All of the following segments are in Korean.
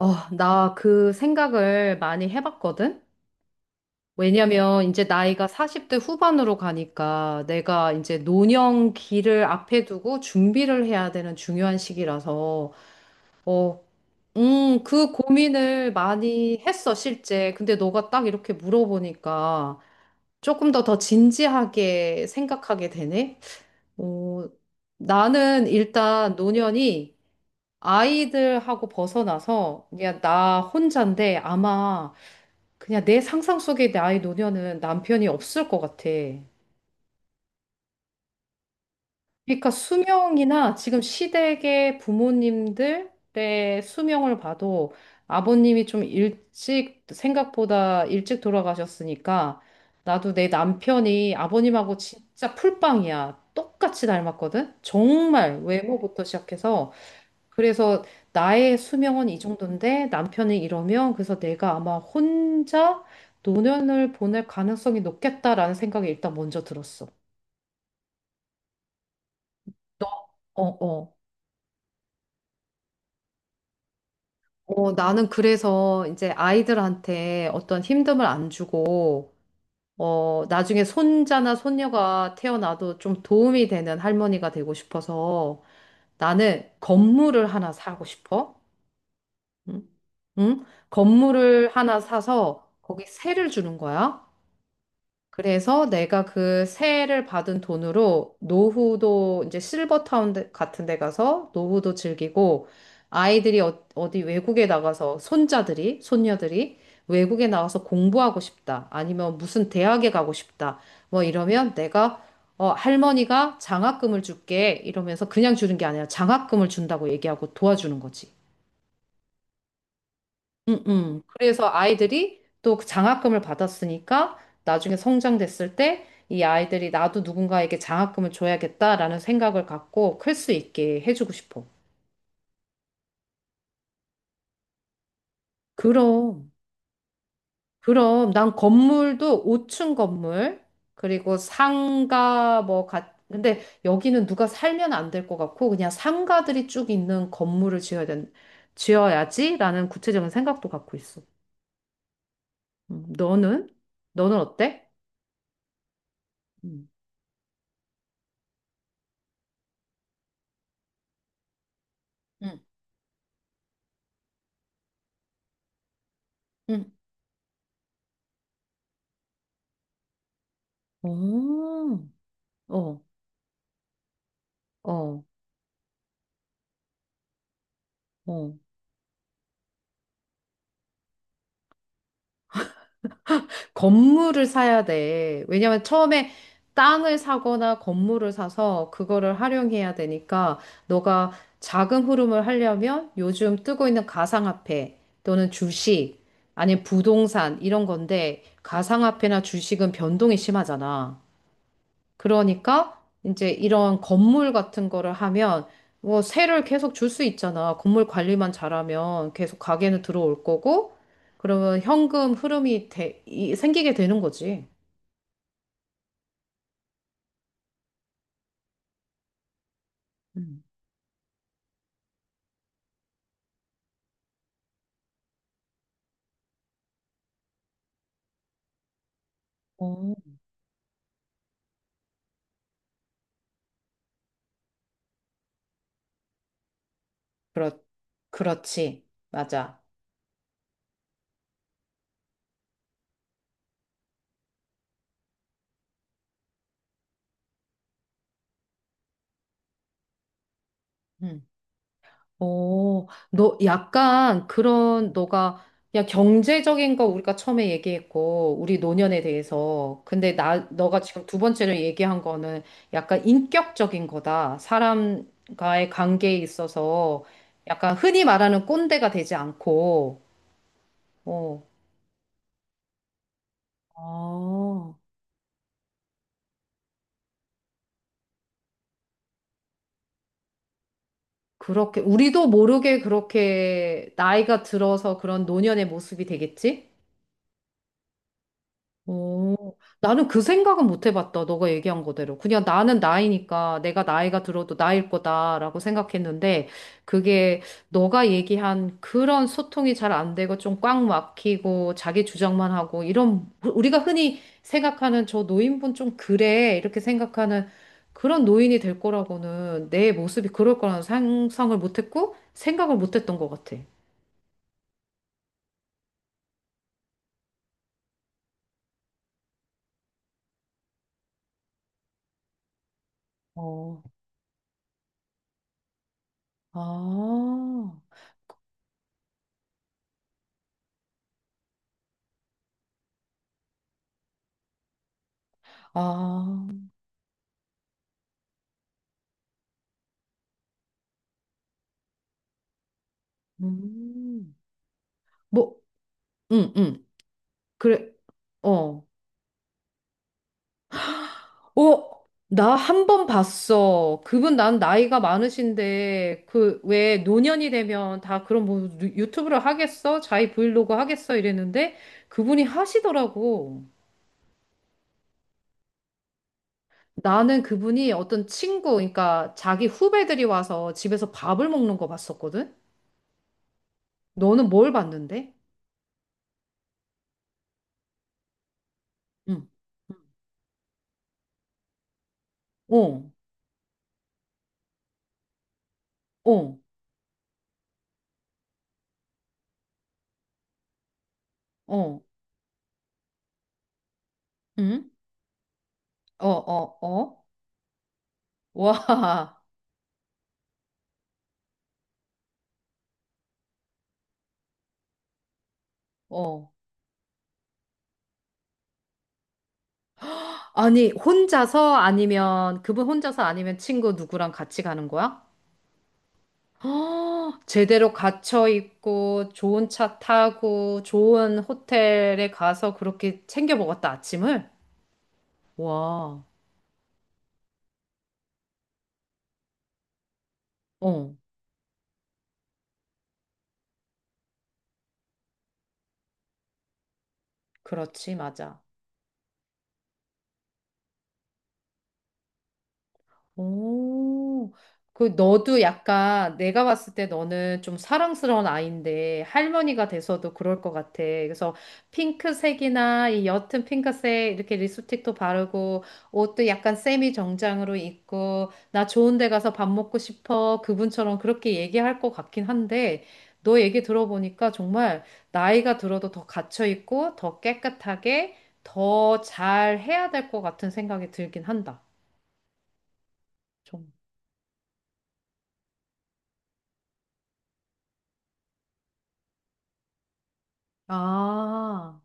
어, 나 그 생각을 많이 해봤거든? 왜냐면 이제 나이가 40대 후반으로 가니까 내가 이제 노년기를 앞에 두고 준비를 해야 되는 중요한 시기라서, 어, 그 고민을 많이 했어, 실제. 근데 너가 딱 이렇게 물어보니까 조금 더 진지하게 생각하게 되네? 어, 나는 일단 노년이 아이들하고 벗어나서 그냥 나 혼자인데 아마 그냥 내 상상 속의 나의 노년은 남편이 없을 것 같아. 그러니까 수명이나 지금 시댁의 부모님들의 수명을 봐도 아버님이 좀 일찍, 생각보다 일찍 돌아가셨으니까 나도 내 남편이 아버님하고 진짜 풀빵이야. 똑같이 닮았거든? 정말 외모부터 시작해서. 그래서 나의 수명은 이 정도인데 남편이 이러면 그래서 내가 아마 혼자 노년을 보낼 가능성이 높겠다라는 생각이 일단 먼저 들었어. 어, 어. 어, 나는 그래서 이제 아이들한테 어떤 힘듦을 안 주고, 어, 나중에 손자나 손녀가 태어나도 좀 도움이 되는 할머니가 되고 싶어서 나는 건물을 하나 사고 싶어. 응? 응? 건물을 하나 사서 거기 세를 주는 거야. 그래서 내가 그 세를 받은 돈으로 노후도 이제 실버타운 같은 데 가서 노후도 즐기고 아이들이 어, 어디 외국에 나가서 손자들이, 손녀들이 외국에 나가서 공부하고 싶다. 아니면 무슨 대학에 가고 싶다. 뭐 이러면 내가 어, 할머니가 장학금을 줄게. 이러면서 그냥 주는 게 아니라 장학금을 준다고 얘기하고 도와주는 거지. 그래서 아이들이 또그 장학금을 받았으니까 나중에 성장됐을 때 이 아이들이 나도 누군가에게 장학금을 줘야겠다라는 생각을 갖고 클 수 있게 해주고 싶어. 그럼, 그럼 난 건물도 5층 건물, 그리고 상가 뭐 같, 근데 여기는 누가 살면 안 될 것 같고 그냥 상가들이 쭉 있는 건물을 지어야지라는 구체적인 생각도 갖고 있어. 너는? 너는 어때? 응, 응. 어, 어, 어, 어. 건물을 사야 돼. 왜냐면 처음에 땅을 사거나 건물을 사서 그거를 활용해야 되니까 너가 자금 흐름을 하려면 요즘 뜨고 있는 가상화폐 또는 주식 아니면 부동산 이런 건데 가상화폐나 주식은 변동이 심하잖아. 그러니까 이제 이런 건물 같은 거를 하면 뭐 세를 계속 줄 수 있잖아. 건물 관리만 잘하면 계속 가게는 들어올 거고 그러면 현금 흐름이 생기게 되는 거지. 음. 어, 그렇, 그렇지. 맞아. 음. 어, 너 약간 그런 너가 그냥 경제적인 거 우리가 처음에 얘기했고 우리 노년에 대해서 근데 나 너가 지금 두 번째로 얘기한 거는 약간 인격적인 거다. 사람과의 관계에 있어서 약간 흔히 말하는 꼰대가 되지 않고 어. 아, 그렇게 우리도 모르게 그렇게 나이가 들어서 그런 노년의 모습이 되겠지? 오, 나는 그 생각은 못 해봤다. 너가 얘기한 거대로. 그냥 나는 나이니까 내가 나이가 들어도 나일 거다라고 생각했는데 그게 너가 얘기한 그런 소통이 잘 안 되고 좀 꽉 막히고 자기 주장만 하고 이런 우리가 흔히 생각하는 저 노인분 좀 그래 이렇게 생각하는 그런 노인이 될 거라고는 내 모습이 그럴 거라는 상상을 못 했고 생각을 못 했던 것 같아. 어, 아, 아, 음. 뭐 응, 응. 그래, 어. 어, 나 한번 봤어. 그분 난 나이가 많으신데, 그, 왜 노년이 되면 다 그런 뭐 유- 유튜브를 하겠어? 자기 브이로그 하겠어? 이랬는데, 그분이 하시더라고. 나는 그분이 어떤 친구, 그러니까 자기 후배들이 와서 집에서 밥을 먹는 거 봤었거든? 너는 뭘 봤는데? 응. 응. 어, 어, 어, 응? 어, 어, 어. 와, 어. 아니, 혼자서 아니면, 그분 혼자서 아니면 친구 누구랑 같이 가는 거야? 헉, 제대로 갇혀 있고, 좋은 차 타고, 좋은 호텔에 가서 그렇게 챙겨 먹었다, 아침을? 와, 어, 그렇지, 맞아. 오, 그 너도 약간 내가 봤을 때 너는 좀 사랑스러운 아이인데 할머니가 돼서도 그럴 것 같아. 그래서 핑크색이나 이 옅은 핑크색 이렇게 립스틱도 바르고 옷도 약간 세미 정장으로 입고 나 좋은 데 가서 밥 먹고 싶어. 그분처럼 그렇게 얘기할 것 같긴 한데 너 얘기 들어보니까 정말 나이가 들어도 더 갇혀 있고 더 깨끗하게 더 잘 해야 될 것 같은 생각이 들긴 한다. 좀. 아,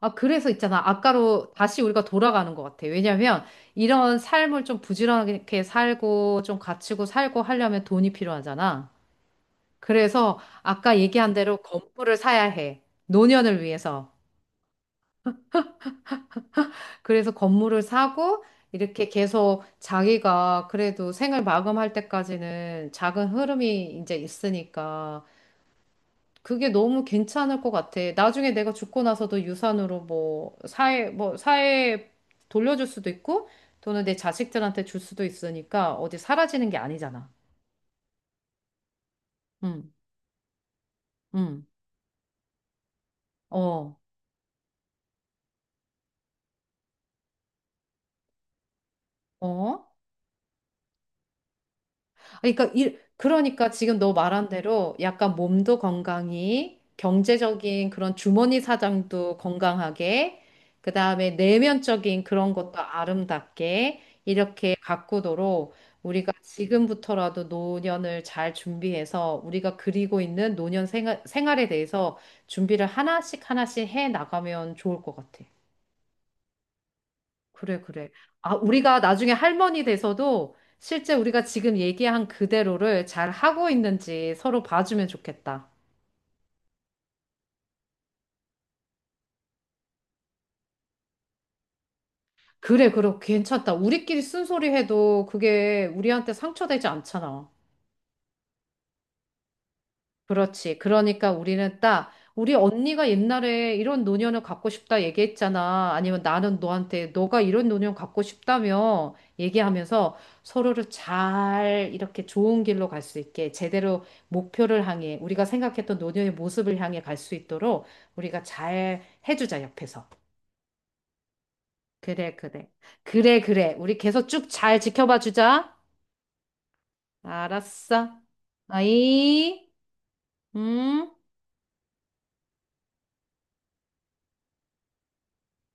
아, 그래서 있잖아. 아까로 다시 우리가 돌아가는 것 같아. 왜냐면 이런 삶을 좀 부지런하게 살고 좀 갖추고 살고 하려면 돈이 필요하잖아. 그래서 아까 얘기한 대로 건물을 사야 해. 노년을 위해서. 그래서 건물을 사고 이렇게 계속 자기가 그래도 생을 마감할 때까지는 작은 흐름이 이제 있으니까 그게 너무 괜찮을 것 같아. 나중에 내가 죽고 나서도 유산으로 뭐 사회 뭐 사회에 돌려줄 수도 있고 또는 내 자식들한테 줄 수도 있으니까 어디 사라지는 게 아니잖아. 응, 응, 어, 어. 아, 그러니까 일, 그러니까 지금 너 말한 대로 약간 몸도 건강히 경제적인 그런 주머니 사정도 건강하게 그다음에 내면적인 그런 것도 아름답게 이렇게 가꾸도록 우리가 지금부터라도 노년을 잘 준비해서 우리가 그리고 있는 노년 생활, 생활에 대해서 준비를 하나씩 하나씩 해 나가면 좋을 것 같아. 그래, 그래. 아, 우리가 나중에 할머니 돼서도 실제 우리가 지금 얘기한 그대로를 잘 하고 있는지 서로 봐주면 좋겠다. 그래, 그래, 괜찮다. 우리끼리 쓴소리 해도 그게 우리한테 상처되지 않잖아. 그렇지. 그러니까 우리는 딱, 우리 언니가 옛날에 이런 노년을 갖고 싶다 얘기했잖아. 아니면 나는 너한테, 너가 이런 노년 갖고 싶다며 얘기하면서 서로를 잘 이렇게 좋은 길로 갈 수 있게 제대로 목표를 향해, 우리가 생각했던 노년의 모습을 향해 갈 수 있도록 우리가 잘 해주자, 옆에서. 그래, 그래. 그래, 그래. 우리 계속 쭉 잘 지켜봐 주자. 알았어. 아이, 음.